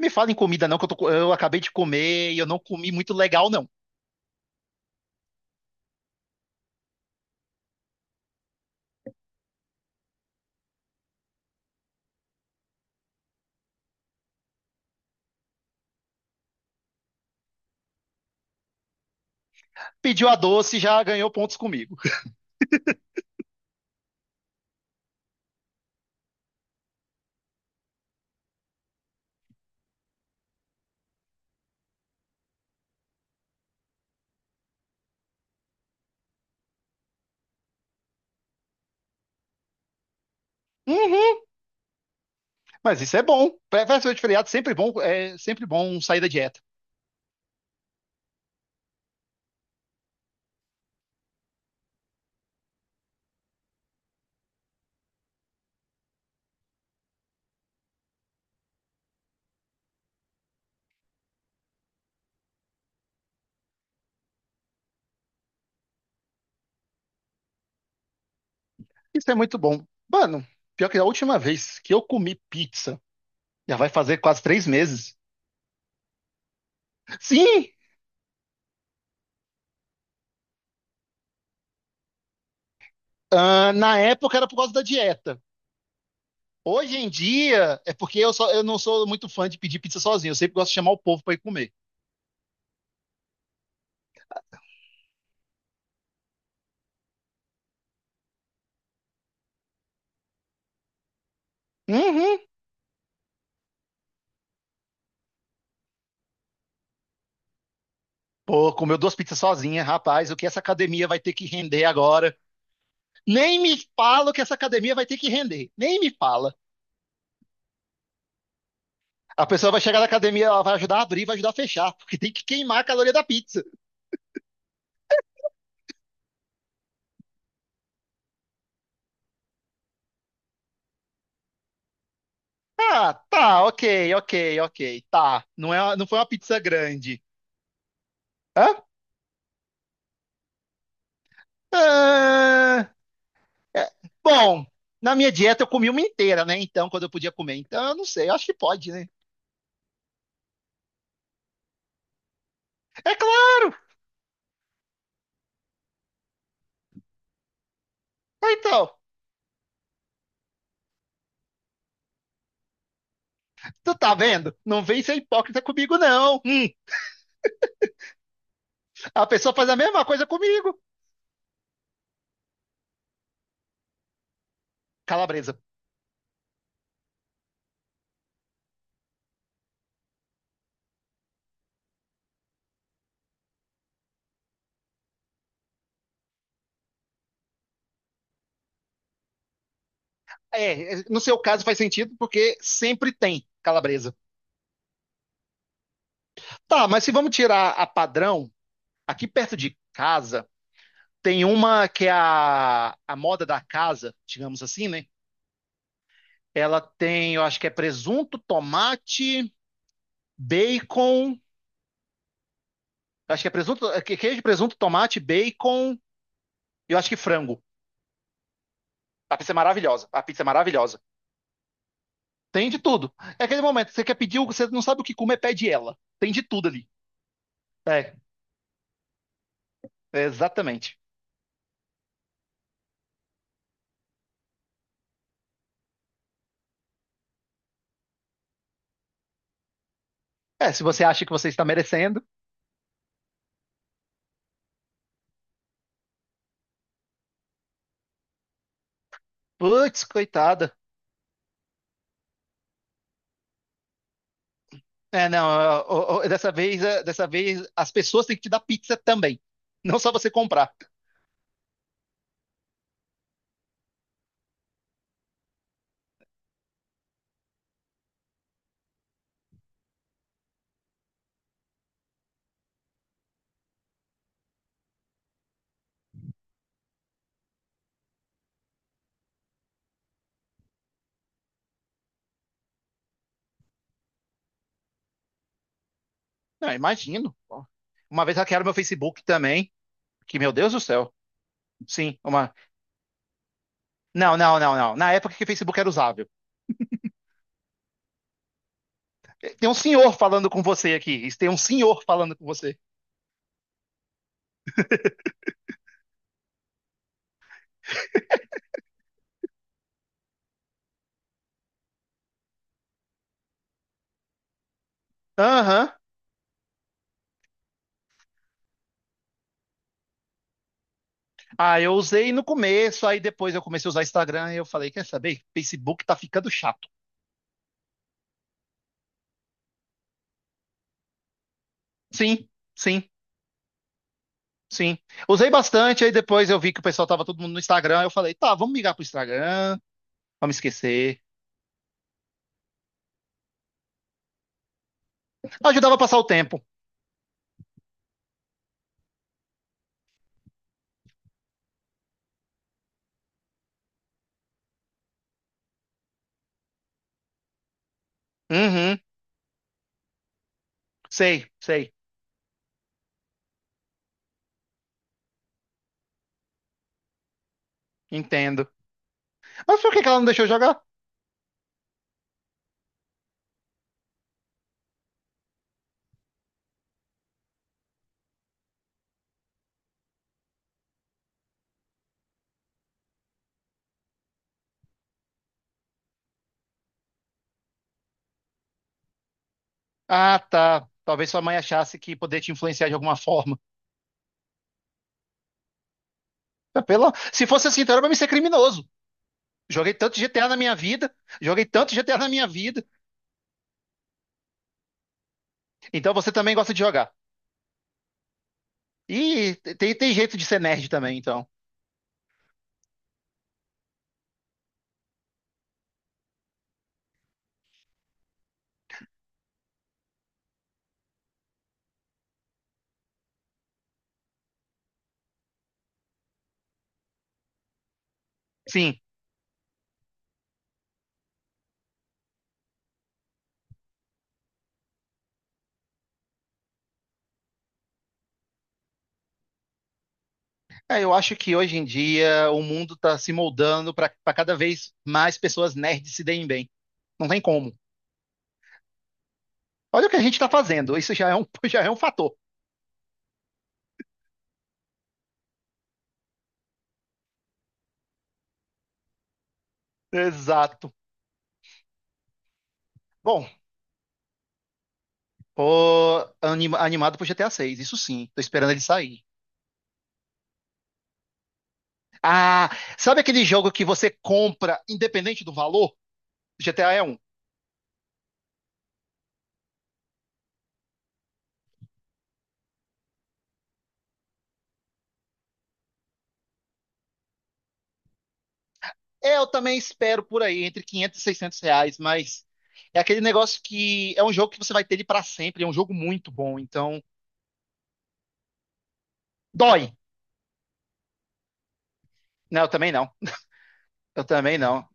Me fala em comida não, que eu acabei de comer e eu não comi muito legal, não. Pediu a doce, já ganhou pontos comigo. Uhum, mas isso é bom. Véspera de feriado, sempre bom, é sempre bom sair da dieta. Isso é muito bom. Mano, pior que a última vez que eu comi pizza, já vai fazer quase 3 meses. Sim, ah, na época era por causa da dieta. Hoje em dia é porque eu, só, eu não sou muito fã de pedir pizza sozinho. Eu sempre gosto de chamar o povo pra ir comer. Uhum. Pô, comeu duas pizzas sozinha, rapaz. O que essa academia vai ter que render agora? Nem me fala que essa academia vai ter que render. Nem me fala. A pessoa vai chegar na academia, ela vai ajudar a abrir, vai ajudar a fechar, porque tem que queimar a caloria da pizza. Ah, tá, ok, ok, ok, tá. Não, é, não foi uma pizza grande. Hã? Ah, é. Bom, na minha dieta eu comi uma inteira, né? Então, quando eu podia comer. Então, eu não sei, eu acho que pode, né? É claro! Ah, então, tu tá vendo? Não vem ser hipócrita comigo, não. A pessoa faz a mesma coisa comigo. Calabresa. É, no seu caso faz sentido porque sempre tem calabresa. Tá, mas se vamos tirar a padrão, aqui perto de casa tem uma que é a moda da casa, digamos assim, né? Ela tem, eu acho que é presunto, tomate, bacon. Acho que é presunto, é queijo, presunto, tomate, bacon. Eu acho que frango. A pizza é maravilhosa. A pizza é maravilhosa. Tem de tudo. É aquele momento, você quer pedir, você não sabe o que comer, pede ela. Tem de tudo ali. É, exatamente. É, se você acha que você está merecendo. Putz, coitada. É, não, ó, ó, ó, dessa vez, é, dessa vez as pessoas têm que te dar pizza também, não só você comprar. Não, imagino. Uma vez hackearam meu Facebook também, que meu Deus do céu. Sim, uma. Não, não, não, não. Na época que o Facebook era usável. Tem um senhor falando com você aqui. Tem um senhor falando com você. Aham. Ah, eu usei no começo, aí depois eu comecei a usar Instagram e eu falei, quer saber? Facebook tá ficando chato. Sim, sim. Sim. Usei bastante, aí depois eu vi que o pessoal tava todo mundo no Instagram. Eu falei, tá, vamos migrar pro Instagram, vamos esquecer. Ajudava a passar o tempo. Uhum, sei, sei, entendo. Mas por que que ela não deixou jogar? Ah, tá. Talvez sua mãe achasse que poder te influenciar de alguma forma. Ah, Se fosse assim, então era pra mim ser criminoso. Joguei tanto GTA na minha vida, joguei tanto GTA na minha vida. Então você também gosta de jogar. E tem jeito de ser nerd também, então. Sim, é, eu acho que hoje em dia o mundo está se moldando para cada vez mais pessoas nerds se deem bem. Não tem como. Olha o que a gente está fazendo. Isso já é um fator. Exato. Bom, tô animado pro GTA 6, isso sim. Tô esperando ele sair. Ah, sabe aquele jogo que você compra independente do valor? GTA é um. Eu também espero por aí, entre 500 e 600 reais, mas é aquele negócio que é um jogo que você vai ter ele para sempre. É um jogo muito bom, então dói. Não, eu também não. Eu também não.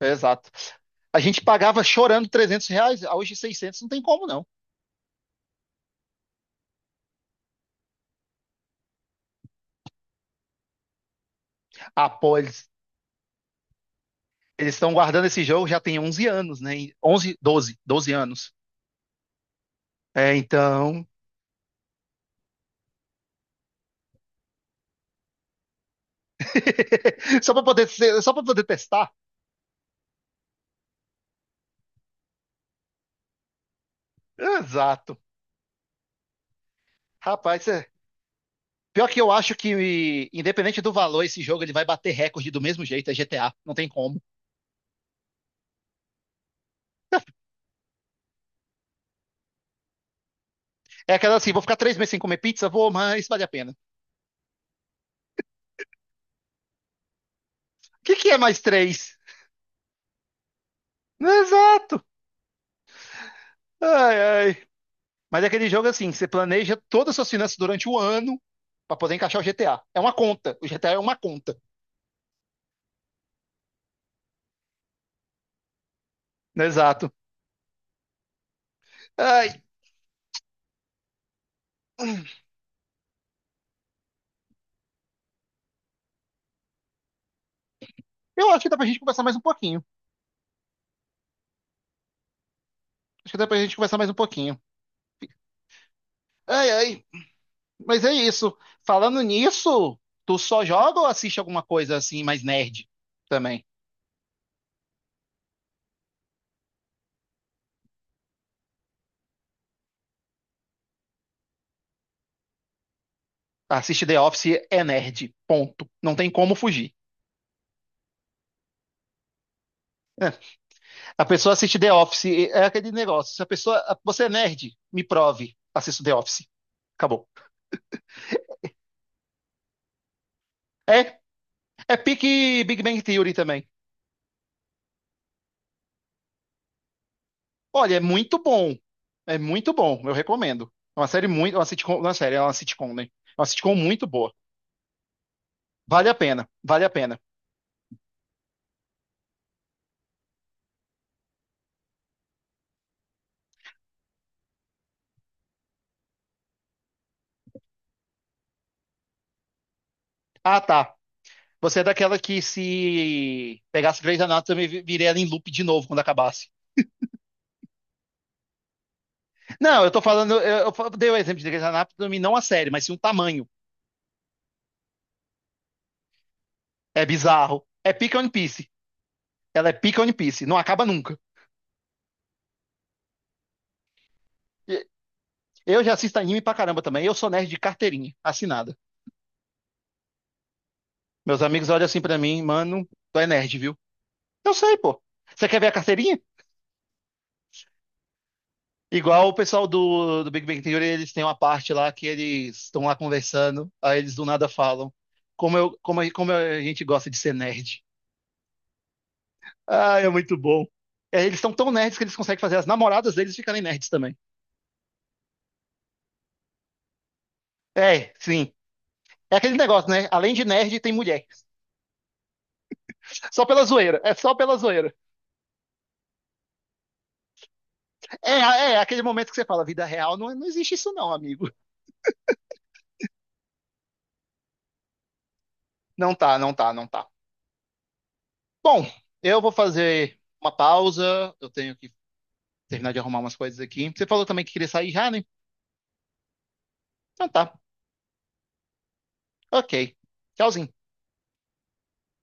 Exato. A gente pagava chorando R$ 300, ah, hoje 600, não tem como não. Ah, pô, eles estão guardando esse jogo já tem 11 anos, né? 11, 12, 12 anos. É, então, só para poder testar. Exato. Rapaz, pior que eu acho que independente do valor, esse jogo ele vai bater recorde do mesmo jeito, é GTA, não tem como. É aquela assim, vou ficar 3 meses sem comer pizza, vou, mas vale a pena. O que que é mais três? Exato. Ai, ai. Mas é aquele jogo assim, que você planeja todas as suas finanças durante o ano para poder encaixar o GTA. É uma conta. O GTA é uma conta. Exato. Ai, eu acho que dá pra gente conversar mais um pouquinho. Acho que dá pra gente conversar mais um pouquinho. Ai, ai. Mas é isso. Falando nisso, tu só joga ou assiste alguma coisa assim mais nerd também? Assiste The Office é nerd. Ponto. Não tem como fugir. A pessoa assiste The Office, é aquele negócio. Se a pessoa. Você é nerd? Me prove. Assisto The Office. Acabou. É, é pique Big Bang Theory também. Olha, é muito bom. É muito bom, eu recomendo. É uma série muito. Uma sitcom, não é série, é uma sitcom, né? É uma sitcom muito boa. Vale a pena, vale a pena. Ah, tá. Você é daquela que se pegasse Grey's Anatomy, viria ela em loop de novo quando acabasse. Não, eu tô falando. Eu dei o exemplo de Grey's Anatomy, não a série, mas sim o tamanho. É bizarro. É pica One Piece. Ela é pica One Piece. Não acaba nunca. E- Eu já assisto anime pra caramba também. Eu sou nerd de carteirinha, assinada. Meus amigos olham assim pra mim, mano, tu é nerd, viu? Eu sei, pô. Você quer ver a carteirinha? Igual o pessoal do Big Bang Theory, eles têm uma parte lá que eles estão lá conversando, aí eles do nada falam. Como, eu, como, como a gente gosta de ser nerd. Ah, é muito bom. É, eles são tão nerds que eles conseguem fazer as namoradas deles ficarem nerds também. É, sim. É aquele negócio, né? Além de nerd, tem mulher. Só pela zoeira. É só pela zoeira. É, é aquele momento que você fala, vida real, não, não existe isso não, amigo. Não tá, não tá, não tá. Bom, eu vou fazer uma pausa. Eu tenho que terminar de arrumar umas coisas aqui. Você falou também que queria sair já, né? Então tá. Ok. Tchauzinho.